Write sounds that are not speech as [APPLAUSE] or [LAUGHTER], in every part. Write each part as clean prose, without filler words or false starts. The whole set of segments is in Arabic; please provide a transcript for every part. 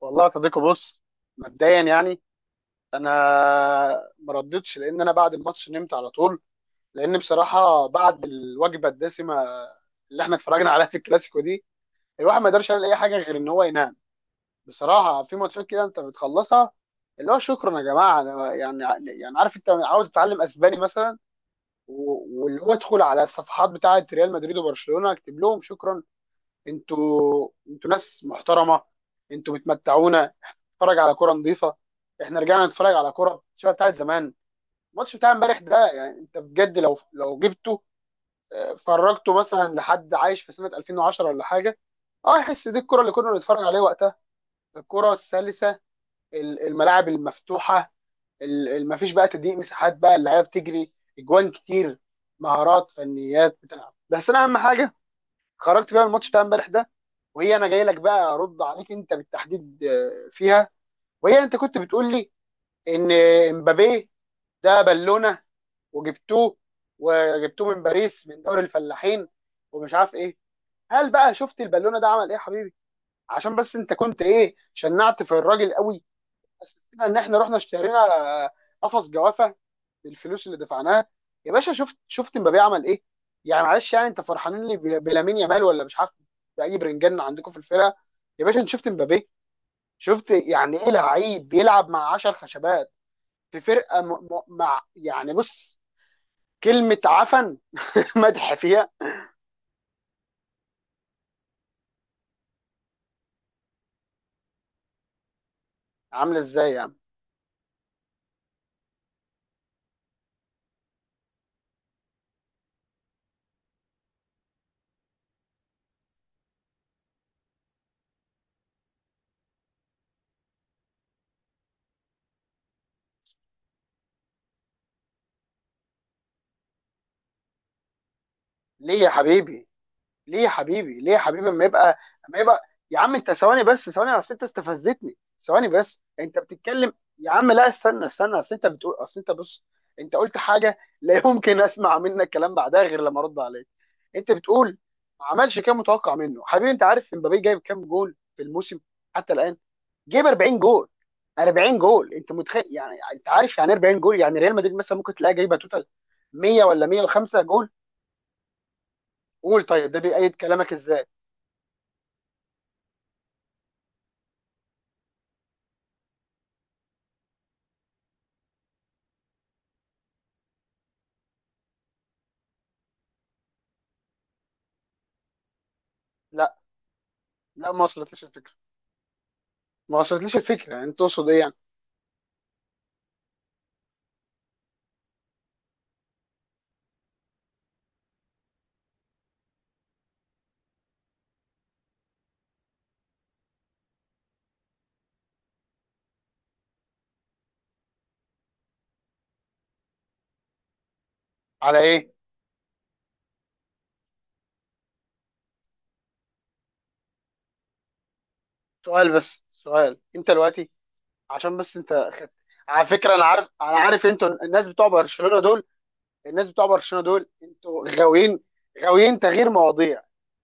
والله يا صديقي، بص. مبدئيا يعني انا ما ردتش لان انا بعد الماتش نمت على طول. لان بصراحه بعد الوجبه الدسمه اللي احنا اتفرجنا عليها في الكلاسيكو دي، الواحد ما يقدرش يعمل اي حاجه غير ان هو ينام. بصراحه، في ماتشات كده انت بتخلصها اللي هو شكرا يا جماعه. أنا يعني، يعني عارف انت عاوز تتعلم اسباني مثلا، واللي هو ادخل على الصفحات بتاعه ريال مدريد وبرشلونه، اكتب لهم شكرا. انتوا ناس محترمه، انتوا بتمتعونا، نتفرج على كرة نظيفة. احنا رجعنا نتفرج على كرة شبه بتاعت زمان. الماتش بتاع امبارح ده، يعني انت بجد لو جبته، فرجته مثلا لحد عايش في سنة 2010 ولا حاجة، اه يحس دي الكرة اللي كنا بنتفرج عليها وقتها، الكرة السلسة، الملاعب المفتوحة، ما فيش بقى تضييق مساحات، بقى اللعيبة بتجري، اجوان كتير، مهارات، فنيات بتلعب. بس انا اهم حاجة خرجت بيها من الماتش بتاع امبارح ده، وهي انا جاي لك بقى ارد عليك انت بالتحديد فيها، وهي انت كنت بتقول لي ان امبابي ده بالونه، وجبتوه، وجبتوه من باريس من دوري الفلاحين ومش عارف ايه. هل بقى شفت البالونه ده عمل ايه يا حبيبي؟ عشان بس انت كنت ايه، شنعت في الراجل قوي. بس استنى، ان احنا رحنا اشترينا آه، قفص جوافه بالفلوس اللي دفعناها. يا باشا، شفت امبابي عمل ايه؟ يعني معلش، يعني انت فرحانين لي بلامين يامال ولا مش عارف باي برنجان عندكم في الفرقه. يا باشا، انت شفت امبابي؟ شفت يعني ايه لعيب بيلعب مع 10 خشبات في فرقه، مع يعني بص، كلمه عفن [LAUGHS] مدح فيها. عامله ازاي يعني؟ ليه يا حبيبي، ليه يا حبيبي، ليه يا حبيبي؟ اما يبقى، اما يبقى. يا عم انت، ثواني بس، ثواني، اصل انت استفزتني. ثواني بس، انت بتتكلم. يا عم لا، استنى، اصل انت بتقول، اصل انت بص، انت قلت حاجه لا يمكن اسمع منك كلام بعدها غير لما ارد عليك. انت بتقول ما عملش كام متوقع منه، حبيبي انت عارف امبابي جايب كام جول في الموسم حتى الان؟ جايب 40 جول. 40 جول، انت متخيل؟ يعني انت عارف يعني، 40 جول، يعني ريال مدريد مثلا ممكن تلاقيها جايبه توتال 100 ولا 105 جول. قول، طيب ده بيأيد كلامك ازاي؟ لا، ما وصلتليش الفكره، ما وصلتليش الفكره، يعني انت تقصد ايه يعني؟ على ايه؟ سؤال بس، سؤال، انت دلوقتي عشان بس انت خدت، على فكره انا عارف، انا عارف انتوا الناس بتوع برشلونه دول، الناس بتوع برشلونه دول انتوا غاويين، غاويين تغيير مواضيع.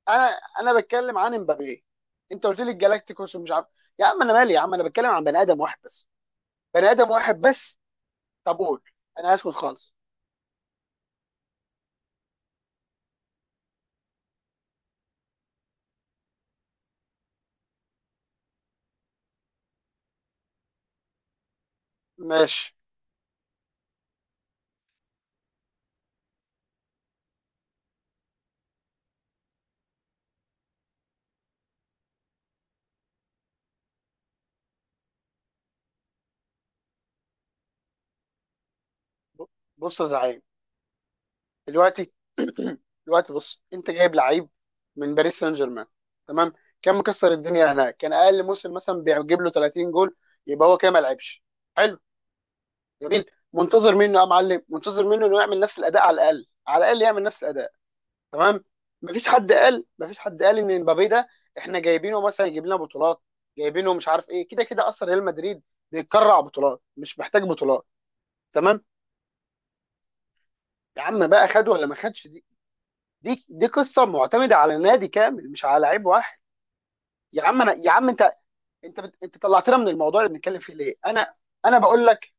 انا، بتكلم عن امبابي، انت قلت لي الجالاكتيكوس ومش عارف. يا عم انا مالي، يا عم انا بتكلم عن بني ادم واحد بس، بني ادم واحد بس. طب قول، انا هسكت خالص. ماشي. ب- بص يا زعيم، دلوقتي، [CLEARS THROAT] دلوقتي بص، انت جايب لعيب من باريس سان جيرمان، تمام؟ كان مكسر الدنيا هناك، كان اقل موسم مثلا بيجيب له 30 جول. يبقى هو كده ما لعبش، حلو، جميل. منتظر منه يا معلم، منتظر منه انه يعمل نفس الاداء على الاقل، على الاقل يعمل نفس الاداء، تمام؟ مفيش حد قال، مفيش حد قال ان امبابي ده احنا جايبينه مثلا يجيب لنا بطولات، جايبينه مش عارف ايه، كده كده اصلا ريال مدريد بيتكرع بطولات، مش محتاج بطولات، تمام؟ يا عم بقى، خد ولا ما خدش، دي قصه معتمده على نادي كامل مش على لعيب واحد. يا عم انا، يا عم انت، انت طلعتنا من الموضوع اللي بنتكلم فيه ليه؟ انا، انا بقول لك،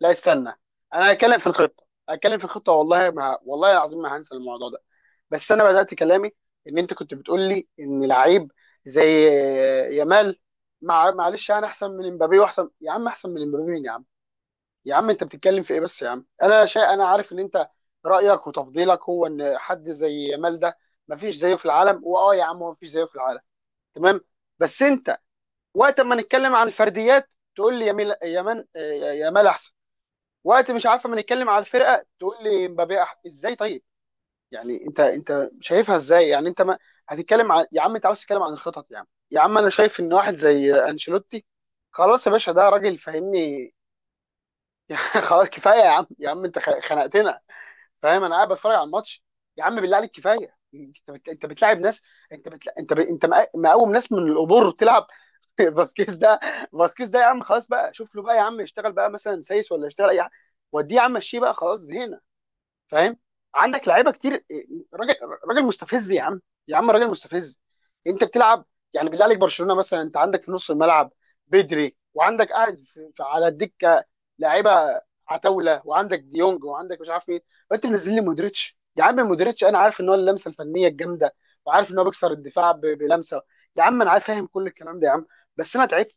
لا استنى، انا هتكلم في الخطه، هتكلم في الخطه، والله ما، والله العظيم ما هنسى الموضوع ده. بس انا بدات كلامي ان انت كنت بتقول لي ان لعيب زي يامال. مع معلش، انا احسن من امبابي، واحسن يا عم احسن من امبابي مين يا عم؟ يا عم انت بتتكلم في ايه بس يا عم؟ انا شيء، انا عارف ان انت رايك وتفضيلك هو ان حد زي يامال ده مفيش زيه في العالم. واه يا عم، هو مفيش زيه في العالم، تمام؟ بس انت وقت ما نتكلم عن الفرديات تقول لي يامال، يامال، يامال احسن. وقت مش عارف ما نتكلم على الفرقه تقول لي مبابي احسن ازاي؟ طيب يعني انت، شايفها ازاي يعني؟ انت ما هتتكلم عن، يا عم انت عاوز تتكلم عن الخطط، يا عم، يا عم انا شايف ان واحد زي انشيلوتي، خلاص يا باشا، ده راجل فاهمني [LAUGHS] يعني خلاص كفايه يا عم، يا عم انت خنقتنا، فاهم؟ انا قاعد بتفرج على الماتش. يا عم بالله عليك كفايه، انت بتلاعب ناس، انت بتلا... انت ب... انت مقوم ناس من القبور تلعب. فاسكيز [LAUGHS] ده، فاسكيز ده يا عم خلاص بقى، شوف له بقى يا عم، اشتغل بقى مثلا سايس ولا اشتغل اي حاجه، وديه يا عم مشيه بقى، خلاص زهقنا، فاهم؟ عندك لعيبه كتير. راجل، راجل مستفز يا عم، يا عم راجل مستفز. انت بتلعب، يعني بالله عليك برشلونه مثلا انت عندك في نص الملعب بدري، وعندك قاعد في على الدكه لعيبه عتاوله، وعندك ديونج، وعندك مش عارف ايه، وانت منزل لي مودريتش. يا عم مودريتش انا عارف ان هو اللمسه الفنيه الجامده، وعارف ان هو بيكسر الدفاع بلمسه، يا عم انا عارف، فاهم كل الكلام ده يا عم. بس انا تعبت.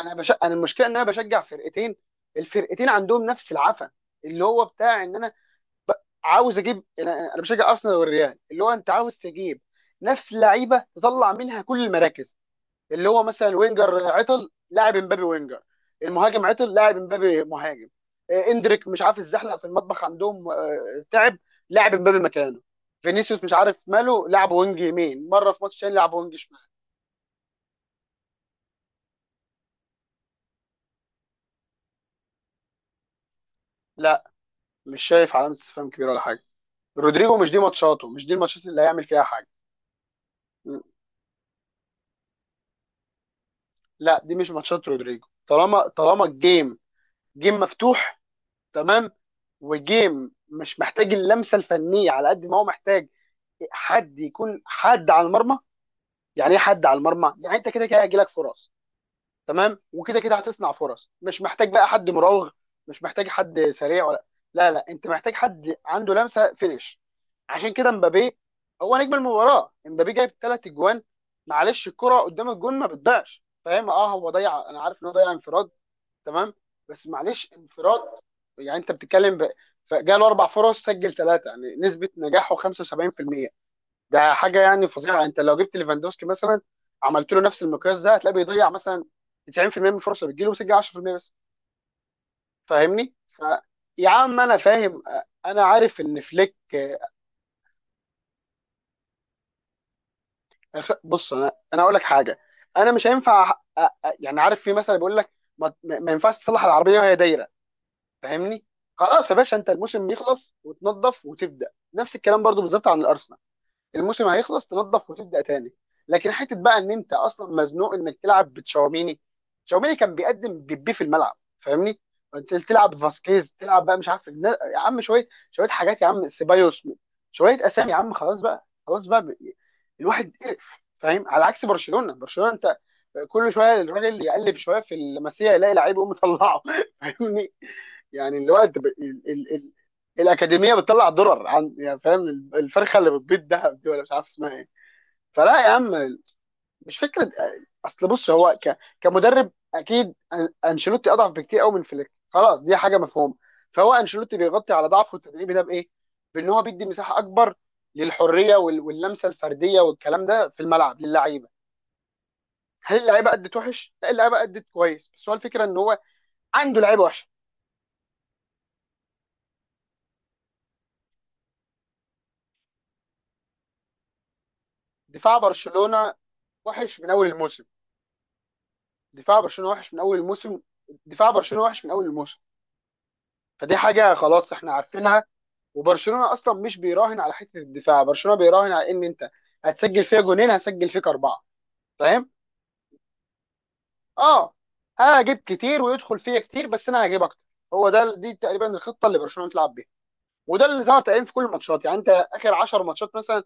انا المشكله ان انا بشجع فرقتين، الفرقتين عندهم نفس العفن، اللي هو بتاع ان انا عاوز اجيب، أنا بشجع ارسنال والريال اللي هو انت عاوز تجيب نفس لعيبه تطلع منها كل المراكز، اللي هو مثلا وينجر عطل لاعب، امبابي وينجر المهاجم عطل لاعب، امبابي مهاجم، اندريك مش عارف الزحلقه في المطبخ عندهم تعب لاعب، امبابي مكانه، فينيسيوس مش عارف ماله لعب وينج يمين مره، في ماتش تاني لعب وينج شمال. لا، مش شايف علامه استفهام كبيره ولا حاجه، رودريجو مش دي ماتشاته، مش دي الماتشات اللي هيعمل فيها حاجه. لا، دي مش ماتشات رودريجو، طالما الجيم جيم مفتوح، تمام؟ وجيم مش محتاج اللمسه الفنيه على قد ما هو محتاج حد يكون حد على المرمى. يعني ايه حد على المرمى؟ يعني انت كده كده هيجيلك فرص، تمام، وكده كده هتصنع فرص، مش محتاج بقى حد مراوغ، مش محتاج حد سريع ولا، لا انت محتاج حد عنده لمسه فينش. عشان كده مبابي هو نجم المباراه، مبابي جايب ثلاث اجوان، معلش الكره قدام الجون ما بتضيعش، فاهم؟ اه هو ضيع، انا عارف ان هو ضيع انفراد، تمام، بس معلش انفراد. يعني انت بتتكلم ب...، فجاله اربع فرص سجل ثلاثه، يعني نسبه نجاحه 75%، ده حاجه يعني فظيعه. انت لو جبت ليفاندوسكي مثلا عملت له نفس المقياس ده، هتلاقيه بيضيع مثلا 90% من الفرص اللي بتجيله وسجل 10% بس، فاهمني؟ ف يا عم انا فاهم، انا عارف ان فليك، بص انا، اقول لك حاجه، انا مش هينفع يعني عارف في مثلا بيقول لك ما ينفعش تصلح العربيه وهي دايره، فاهمني؟ خلاص يا باشا، انت الموسم يخلص وتنظف وتبدا، نفس الكلام برضو بالظبط عن الارسنال، الموسم هيخلص تنظف وتبدا تاني. لكن حته بقى ان انت اصلا مزنوق انك تلعب بتشاوميني، تشاوميني كان بيقدم بيبي في الملعب، فاهمني؟ انت تلعب فاسكيز، تلعب بقى مش عارف النا-، يا عم شويه شويه حاجات، يا عم سيبايوس، شويه اسامي يا عم، خلاص بقى، خلاص بقى، ب- الواحد قرف، فاهم؟ على عكس برشلونه، برشلونه انت كل شويه الراجل يقلب شويه في المسيح يلاقي لعيب يقوم مطلعه [LAUGHS] فاهمني؟ يعني الوقت، الاكاديميه بتطلع درر، عن يعني فاهم الفرخه اللي بتبيض دهب دي ولا مش عارف اسمها ايه، فلا يا عم مش فكره. اصل بص هو كمدرب اكيد انشيلوتي اضعف بكتير قوي من فليك، خلاص دي حاجه مفهومه. فهو انشيلوتي بيغطي على ضعفه التدريبي ده بايه؟ بان هو بيدي مساحه اكبر للحريه واللمسه الفرديه والكلام ده في الملعب للعيبه. هل اللعيبه ادت وحش؟ لا، اللعيبه ادت كويس، بس هو الفكره ان هو عنده لعيبه وحشه. دفاع برشلونه وحش من اول الموسم، دفاع برشلونه وحش من اول الموسم، دفاع برشلونه وحش من اول الموسم، فدي حاجه خلاص احنا عارفينها. وبرشلونه اصلا مش بيراهن على حته الدفاع، برشلونه بيراهن على ان انت هتسجل فيها جونين هسجل فيك اربعه، فاهم؟ اه هجيب كتير ويدخل فيا كتير، بس انا هجيب اكتر، هو ده دي تقريبا الخطه اللي برشلونه بتلعب بيها. وده اللي ظهر تقريبا في كل الماتشات، يعني انت اخر 10 ماتشات مثلا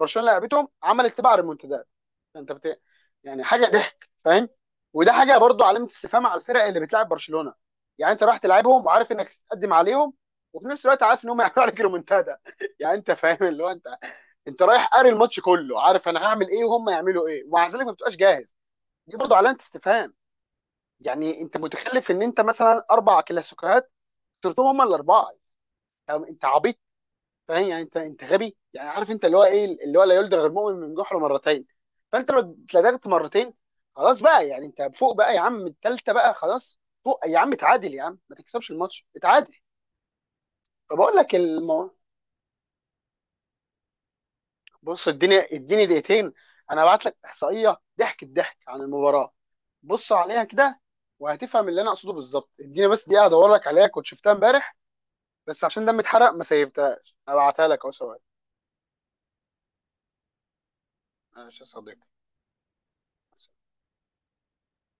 برشلونه لعبتهم عملت سبع ريمونتادات، انت بت...، يعني حاجه ضحك، فاهم؟ وده حاجه برضو علامه استفهام على الفرق اللي بتلعب برشلونه. يعني انت رايح تلعبهم وعارف انك تقدم عليهم، وفي نفس الوقت عارف ان هم هيعملوا عليك ريمونتادا [LAUGHS] يعني انت فاهم اللي هو انت، انت رايح قاري الماتش كله عارف انا هعمل ايه وهم يعملوا ايه، ومع ذلك ما بتبقاش جاهز، دي برضو علامه استفهام. يعني انت متخلف ان انت مثلا اربع كلاسيكوهات خسرتهم هم الاربعه، يعني انت عبيط، فاهم؟ يعني انت، غبي، يعني عارف انت اللي هو ايه، اللي هو لا يلدغ المؤمن من جحر مرتين. فانت لو اتلدغت مرتين، خلاص بقى، يعني انت فوق بقى يا عم، التالتة بقى خلاص، فوق يا عم، اتعادل يا عم، ما تكسبش الماتش، اتعادل. فبقول لك المو...، بص اديني، اديني دقيقتين، انا هبعت لك احصائية ضحك الضحك عن المباراة، بص عليها كده وهتفهم اللي انا اقصده بالظبط. اديني بس دقيقة ادور لك عليها، كنت شفتها امبارح، بس عشان دمي اتحرق ما سيبتهاش، هبعتها لك اهو، ثواني. ماشي يا صديقي.